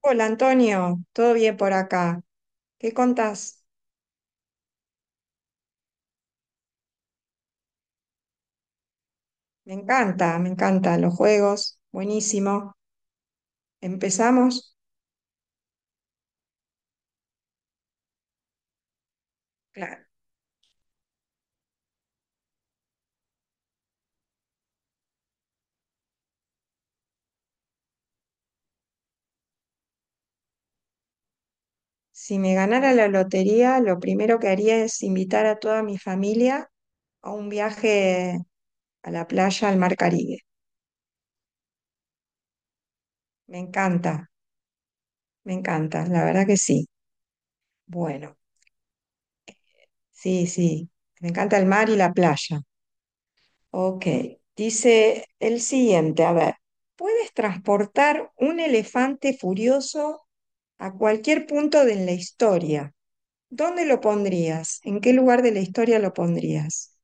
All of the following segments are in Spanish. Hola Antonio, ¿todo bien por acá? ¿Qué contás? Me encanta, me encantan los juegos, buenísimo. ¿Empezamos? Claro. Si me ganara la lotería, lo primero que haría es invitar a toda mi familia a un viaje a la playa, al Mar Caribe. Me encanta, me encanta, la verdad que sí. Bueno, sí, sí, me encanta el mar y la playa. Ok, dice el siguiente, a ver, ¿puedes transportar un elefante furioso a cualquier punto de la historia? ¿Dónde lo pondrías? ¿En qué lugar de la historia lo pondrías?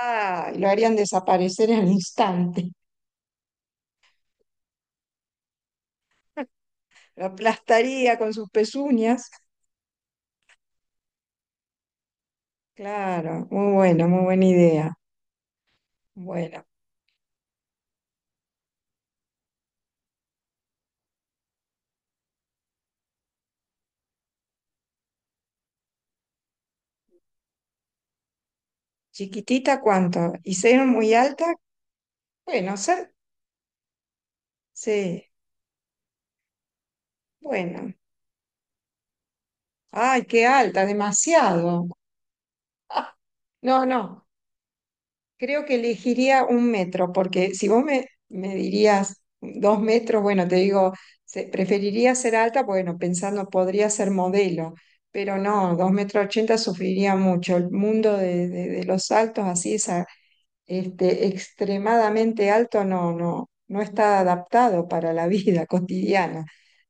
Ah, lo harían desaparecer en el instante. Lo aplastaría con sus pezuñas. Claro, muy bueno, muy buena idea. Bueno, chiquitita, ¿cuánto? ¿Y ser muy alta? Bueno, ser, sí, bueno. Ay, qué alta, demasiado. No, no, creo que elegiría 1 metro, porque si vos me dirías 2 metros, bueno, te digo, preferiría ser alta, bueno, pensando podría ser modelo, pero no, 2 metros ochenta sufriría mucho. El mundo de los altos, así, esa, este, extremadamente alto, no, no, no está adaptado para la vida cotidiana.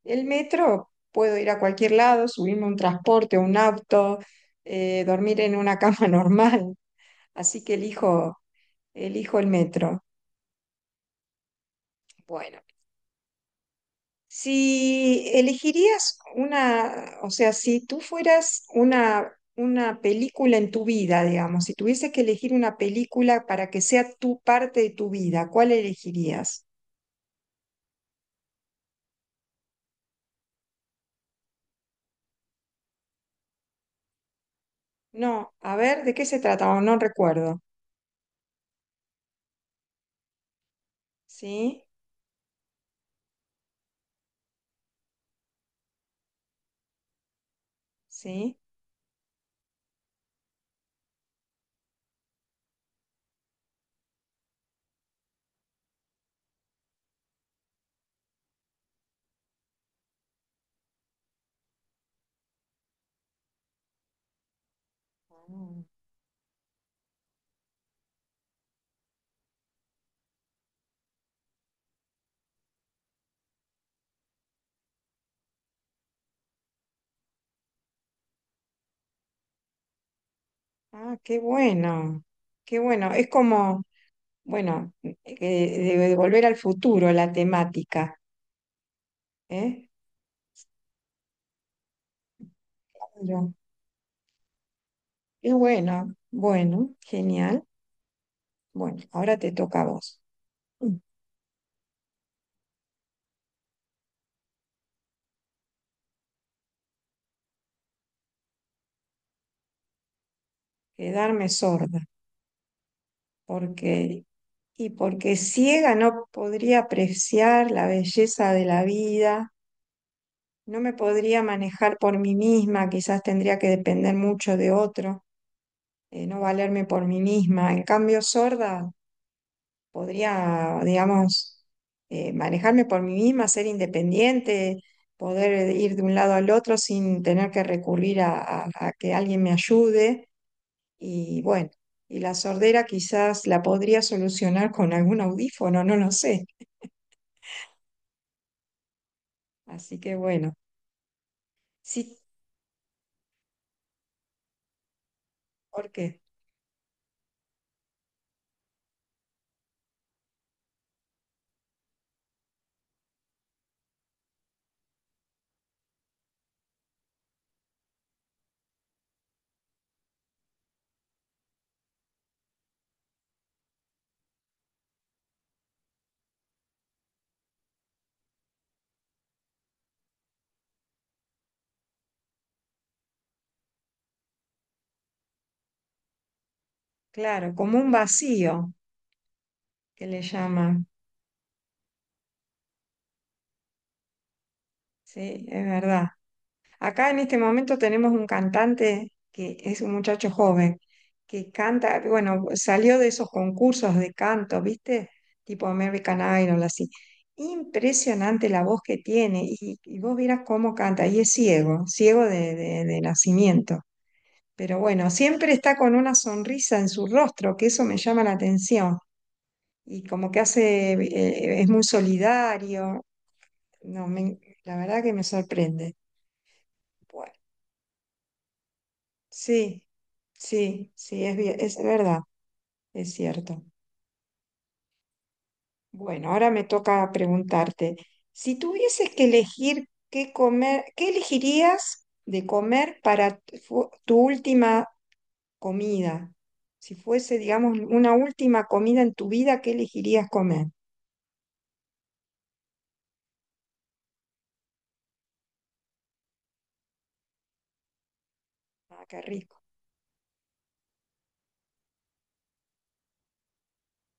El metro, puedo ir a cualquier lado, subirme a un transporte, un auto, dormir en una cama normal. Así que elijo el metro. Bueno, si elegirías una, o sea, si tú fueras una película en tu vida, digamos, si tuvieses que elegir una película para que sea tu parte de tu vida, ¿cuál elegirías? No, a ver, ¿de qué se trata? Oh, no recuerdo. ¿Sí? ¿Sí? Ah, qué bueno, qué bueno. Es como, bueno, de volver al futuro la temática, ¿eh? Claro. Qué bueno, bueno, genial. Bueno, ahora te toca a vos. Mm. Quedarme sorda, porque porque ciega no podría apreciar la belleza de la vida, no me podría manejar por mí misma, quizás tendría que depender mucho de otro, no valerme por mí misma. En cambio, sorda podría, digamos, manejarme por mí misma, ser independiente, poder ir de un lado al otro sin tener que recurrir a que alguien me ayude. Y bueno, y la sordera quizás la podría solucionar con algún audífono, no lo sé. Así que bueno, sí, porque, claro, como un vacío que le llaman, sí, es verdad. Acá en este momento tenemos un cantante que es un muchacho joven, que canta, bueno, salió de esos concursos de canto, ¿viste? Tipo American Idol, así. Impresionante la voz que tiene y vos vieras cómo canta. Y es ciego, ciego de nacimiento. Pero bueno, siempre está con una sonrisa en su rostro, que eso me llama la atención. Y como que hace, es muy solidario. No, la verdad que me sorprende. Bueno. Sí, sí, sí, es verdad, es cierto. Bueno, ahora me toca preguntarte, si tuvieses que elegir qué comer, ¿qué elegirías de comer para tu última comida? Si fuese, digamos, una última comida en tu vida, ¿qué elegirías comer? Ah, qué rico.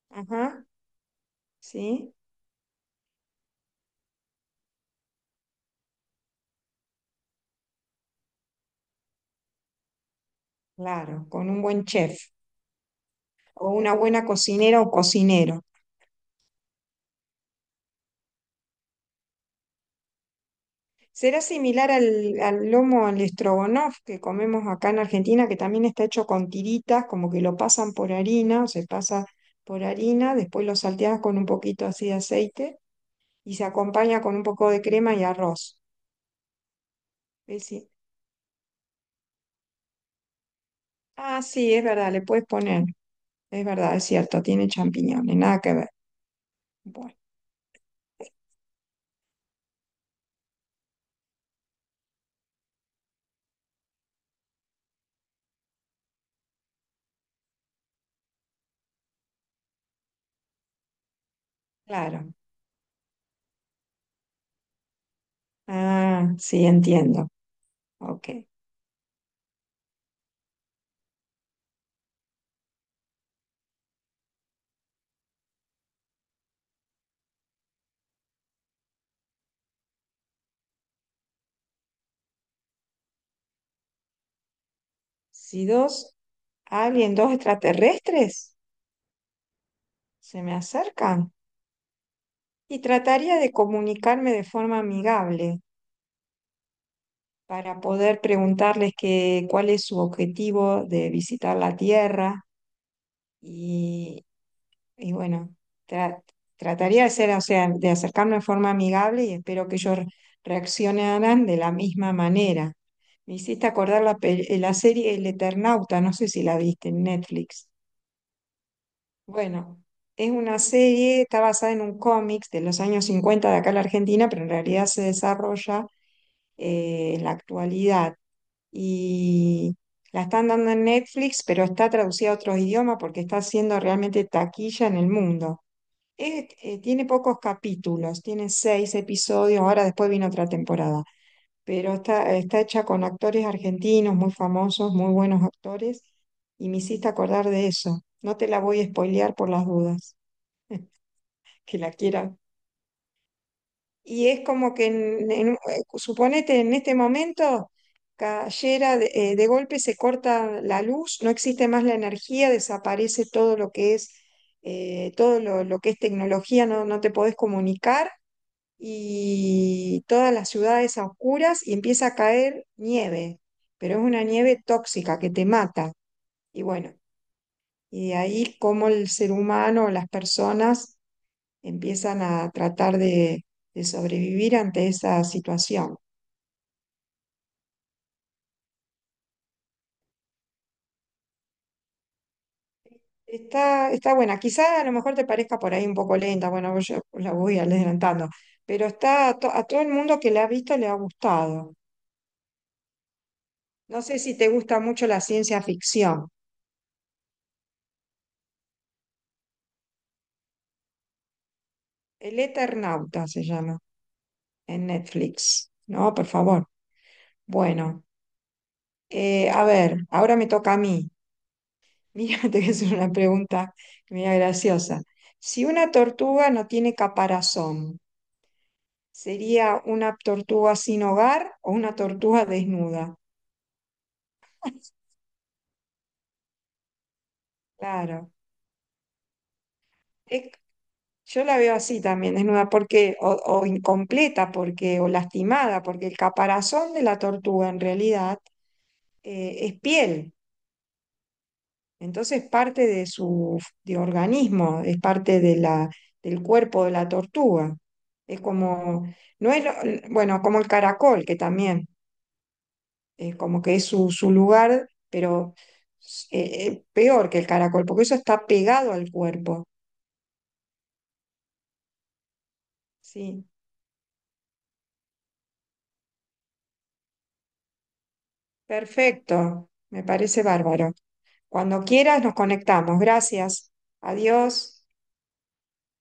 Ajá, sí, claro, con un buen chef o una buena cocinera o cocinero. Será similar al lomo, al estrogonoff que comemos acá en Argentina, que también está hecho con tiritas, como que lo pasan por harina, o se pasa por harina, después lo salteas con un poquito así de aceite y se acompaña con un poco de crema y arroz. Es decir, ah, sí, es verdad, le puedes poner, es verdad, es cierto, tiene champiñones, nada que ver. Bueno, claro. Ah, sí, entiendo. Ok. Si dos, alguien, dos extraterrestres se me acercan. Y trataría de comunicarme de forma amigable para poder preguntarles que, cuál es su objetivo de visitar la Tierra y, y bueno, tra- trataría de ser, o sea, de acercarme de forma amigable y espero que ellos reaccionaran de la misma manera. Me hiciste acordar la serie El Eternauta, no sé si la viste en Netflix. Bueno, es una serie, está basada en un cómics de los años 50 de acá en la Argentina, pero en realidad se desarrolla en la actualidad. Y la están dando en Netflix, pero está traducida a otros idiomas porque está haciendo realmente taquilla en el mundo. Tiene pocos capítulos, tiene seis episodios, ahora después viene otra temporada, pero está hecha con actores argentinos muy famosos, muy buenos actores, y me hiciste acordar de eso. No te la voy a spoilear por las dudas, que la quieras. Y es como que, suponete, en este momento cayera de golpe, se corta la luz, no existe más la energía, desaparece todo lo que es, todo lo que es tecnología, no, no te podés comunicar y todas las ciudades a oscuras y empieza a caer nieve, pero es una nieve tóxica que te mata. Y bueno, y de ahí cómo el ser humano, las personas empiezan a tratar de sobrevivir ante esa situación. Está buena, quizá a lo mejor te parezca por ahí un poco lenta, bueno, yo la voy adelantando, pero está a todo el mundo que la ha visto le ha gustado. No sé si te gusta mucho la ciencia ficción. El Eternauta se llama en Netflix. No, por favor. Bueno, a ver, ahora me toca a mí. Mira, te voy a hacer una pregunta media graciosa. Si una tortuga no tiene caparazón, sería una tortuga sin hogar o una tortuga desnuda. Claro. Es- yo la veo así también, desnuda, porque, o incompleta, porque, o lastimada, porque el caparazón de la tortuga en realidad es piel. Entonces parte de su de organismo, es parte de del cuerpo de la tortuga. Es como, no es bueno, como el caracol, que también. Como que es su lugar, pero peor que el caracol, porque eso está pegado al cuerpo. Sí, perfecto, me parece bárbaro. Cuando quieras nos conectamos. Gracias. Adiós.